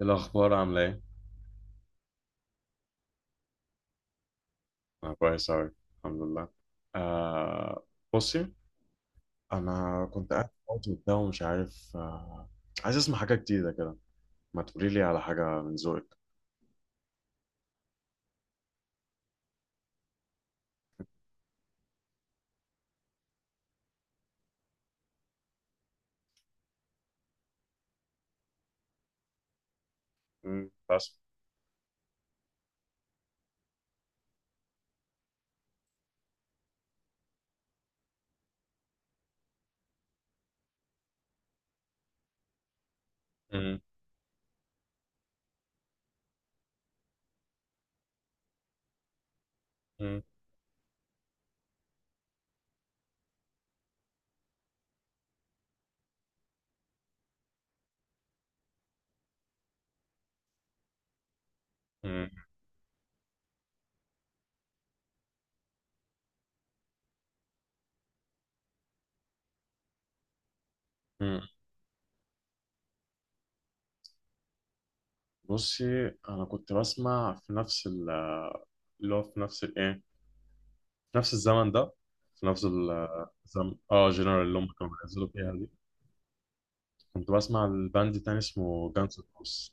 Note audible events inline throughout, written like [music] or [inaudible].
الأخبار عاملة إيه؟ أنا كويس أوي، الحمد لله. آه. بصي، أنا كنت قاعد فاضي وبتاع ومش عارف. عايز أسمع حاجة جديدة كده. ما تقولي لي على حاجة من ذوقك. بس. امم. امم. امم. امم. بصي، أنا كنت بسمع في نفس اللي هو في نفس الإيه؟ في نفس الزمن ده. في نفس الزمن. جنرال اللي هم كانوا بينزلوا فيها دي. كنت بسمع الباند تاني، اسمه جانز روس.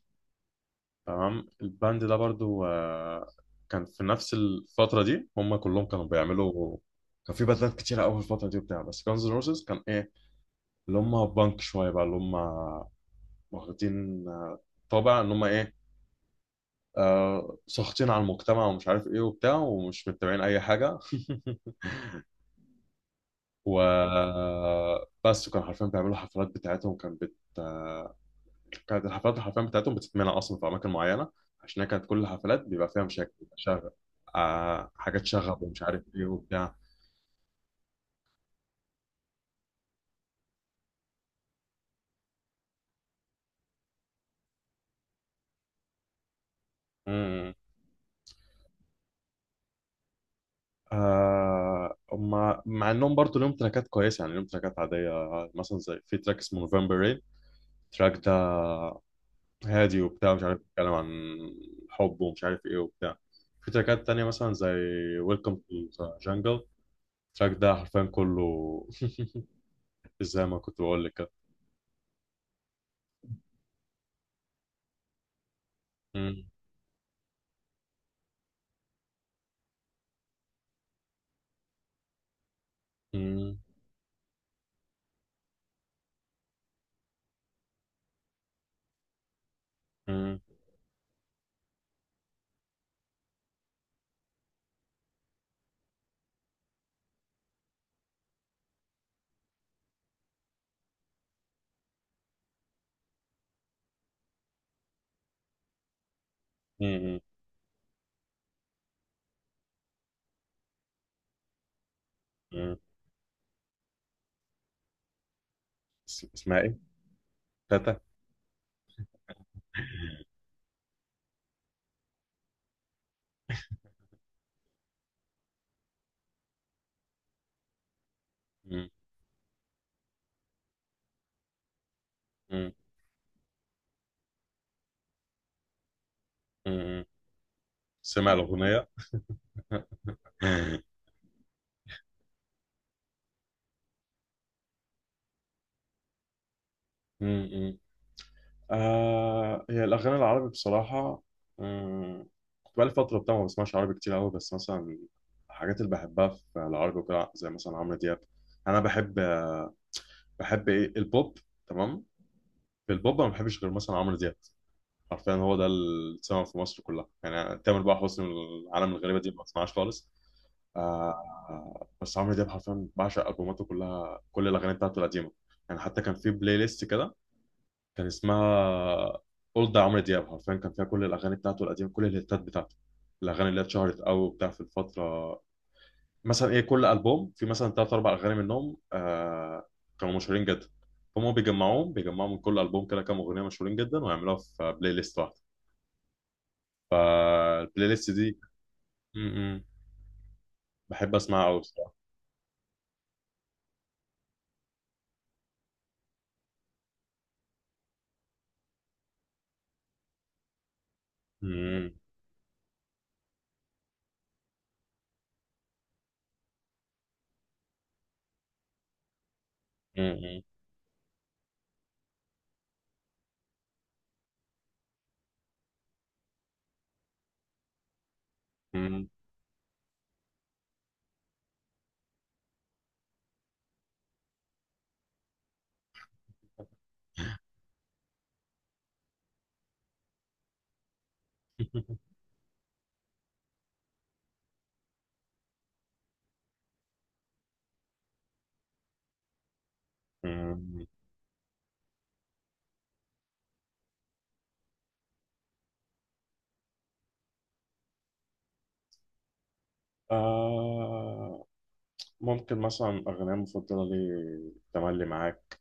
تمام. الباند ده برضو، كان في نفس الفترة دي، هم كلهم كانوا بيعملوا. كان في باندات كتيرة أوي في الفترة دي وبتاع، بس Guns N' Roses كان إيه، اللي هم بانك شوية بقى، اللي هم واخدين طابع إن هم إيه. ساخطين على المجتمع ومش عارف إيه وبتاع ومش متابعين أي حاجة [laughs] وبس. وكانوا حرفيا بيعملوا حفلات بتاعتهم كانت بت... آه، كانت الحفلات الحرفيا بتاعتهم بتتمنع اصلا في اماكن معينه، عشان هي كانت كل الحفلات بيبقى فيها مشاكل، بيبقى شغب. حاجات شغب ومش عارف ايه وبتاع. امم. مع انهم برضه ليهم تراكات كويسه، يعني ليهم تراكات عاديه. مثلا زي في تراك اسمه نوفمبر رين. التراك ده هادي وبتاع، مش عارف، بيتكلم عن حب ومش عارف ايه وبتاع. في تراكات تانية مثلا زي ويلكم تو جانجل. التراك ده حرفيا كله [laughs] زي ما كنت بقول لك كده. مم. مم. مم. مم. مم. اسمها ايه؟ تاتا. مم. مم. مم. سمع الأغنية [laughs] مم. هي الأغاني العربي بصراحة. مم. كنت بقالي فترة بتاع ما بسمعش عربي كتير أوي، بس مثلا الحاجات اللي بحبها في العربي وكده زي مثلا عمرو دياب. أنا بحب، بحب إيه البوب. تمام. في البوب أنا ما بحبش غير مثلا عمرو دياب. حرفيا هو ده اللي اتسمع في مصر كلها، يعني تامر بقى حسني العالم الغريبة دي ما بسمعهاش خالص. بس عمرو دياب حرفيا بعشق ألبوماته كلها، كل الأغاني بتاعته القديمة. يعني حتى كان في بلاي ليست كده، كان اسمها أولد عمرو دياب، حرفيا كان فيها كل الأغاني بتاعته القديمة، كل الهيتات بتاعته، الأغاني اللي هي اتشهرت أوي وبتاع في الفترة. مثلا إيه، كل ألبوم في مثلا تلات أربع أغاني منهم، كانوا مشهورين جدا. فهم بيجمعوهم، بيجمعوا من كل ألبوم كده كام أغنية مشهورين جدا ويعملوها في بلاي ليست واحدة. فالبلاي ليست دي م -م. بحب أسمعها أوي الصراحة. م- م- م- م. [laughs] مم. آه ممكن مثلا أغنية مفضلة لي تملي معاك.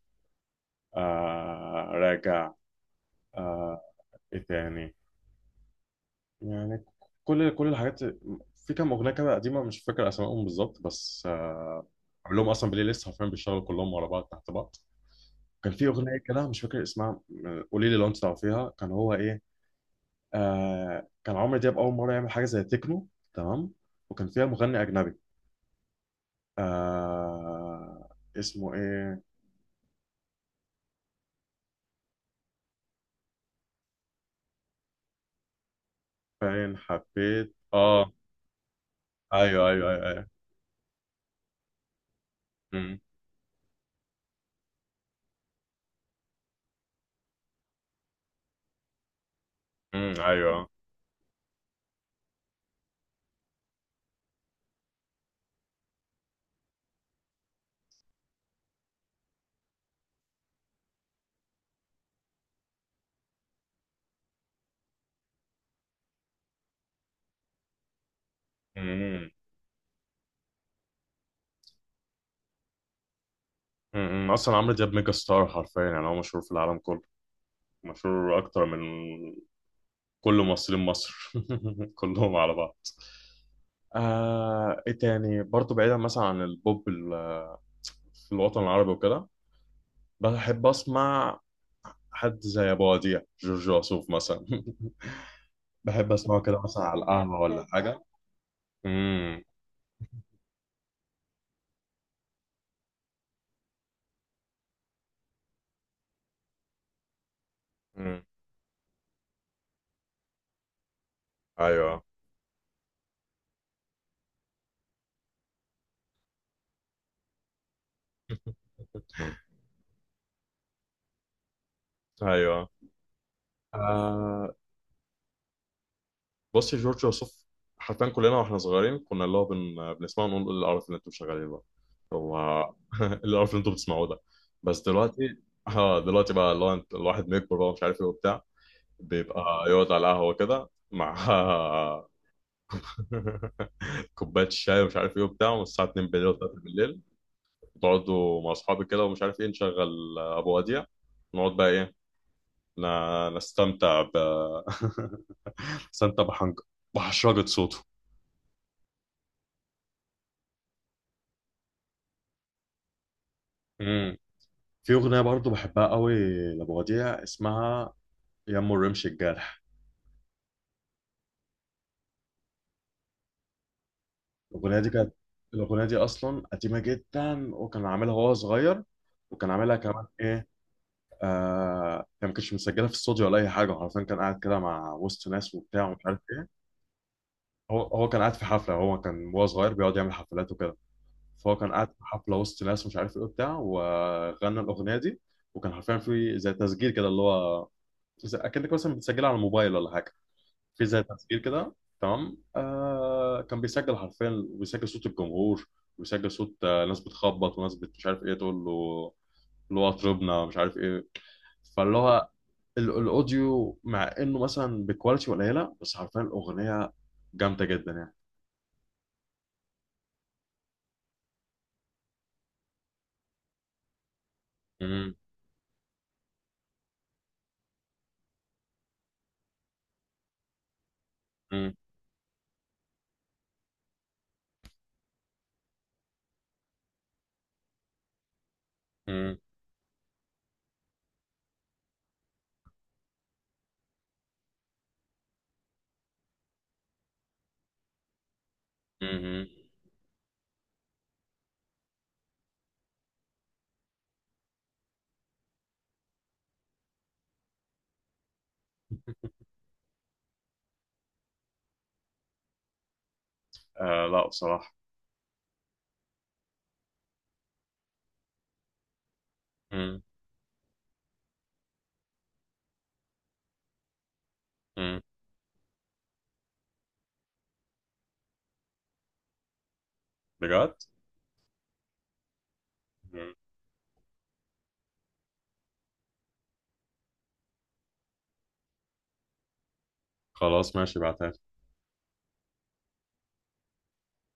راجع. آه. إيه تاني يعني كل الحاجات. في كام أغنية كده قديمة، مش فاكر أسمائهم بالظبط، بس عامل لهم أصلا بلاي ليست، حرفيا بيشتغلوا كلهم ورا بعض تحت بعض. كان في أغنية كده مش فاكر اسمها، قولي لي لو أنت تعرفيها، كان هو إيه. كان عمرو دياب أول مرة يعمل حاجة زي تكنو. تمام. وكان فيها مغني أجنبي. آه اسمه إيه. فين حبيت، اه. ايوه، ايوه، ايوه، ايوه. امم. امم، ايوه. امم. اصلا عمرو دياب ميجا ستار حرفيا، يعني هو مشهور في العالم كله. مشهور اكتر من كل ممثلين مصر [laughs] كلهم على بعض. ايه تاني برضه، بعيدا مثلا عن البوب في الوطن العربي وكده، بحب اسمع حد زي ابو وديع، جورج وسوف مثلا [laughs] بحب اسمعه كده مثلا على القهوه ولا حاجه. امم. امم. ايوه. [laughs] ايوه. آه. بص يا جورج وسوف، حرفيا كلنا واحنا صغيرين كنا اللي هو بنسمعه نقول إيه القرف اللي انتوا شغالين بقى. هو [laughs] إيه القرف اللي انتوا بتسمعوه ده. بس دلوقتي، اه دلوقتي بقى اللي هو الواحد بيكبر بقى مش عارف ايه وبتاع، بيبقى يقعد على القهوه كده مع [laughs] كوبايه شاي ومش عارف ايه وبتاع، والساعه 2 بالليل و3 بالليل، تقعدوا مع اصحابي كده ومش عارف ايه، نشغل ابو وديع. نقعد بقى ايه، ن... نستمتع [laughs] نستمتع بحشرجه صوته. في أغنية برضو بحبها قوي لأبو وديع، اسمها يم الرمش الجارح. الأغنية دي كانت الأغنية دي أصلا قديمة جدا، وكان عاملها وهو صغير، وكان عاملها كمان إيه. آه كان ما كانش مسجلها في استوديو ولا أي حاجة، عارفين، كان قاعد كده مع وسط ناس وبتاع ومش عارف إيه. هو كان قاعد في حفلة، هو كان وهو صغير بيقعد يعمل حفلات وكده. فهو كان قاعد في حفلة وسط ناس ومش عارف إيه وبتاع، وغنى الأغنية دي. وكان حرفيا في زي تسجيل كده، اللي هو أكنك مثلا بتسجلها على الموبايل ولا حاجة. في زي تسجيل كده. تمام. كان بيسجل حرفيا، وبيسجل صوت الجمهور، وبيسجل صوت ناس بتخبط وناس مش عارف ايه تقول له، اللي هو اطربنا مش عارف ايه. فاللي هو الاوديو، مع انه مثلا بكواليتي قليله، بس حرفيا الاغنيه جامده جدا يعني. مم، مم، مم، مم، مم. آه، لا بصراحه. مم، مم. بجد. مم. خلاص، ماشي، بعتها.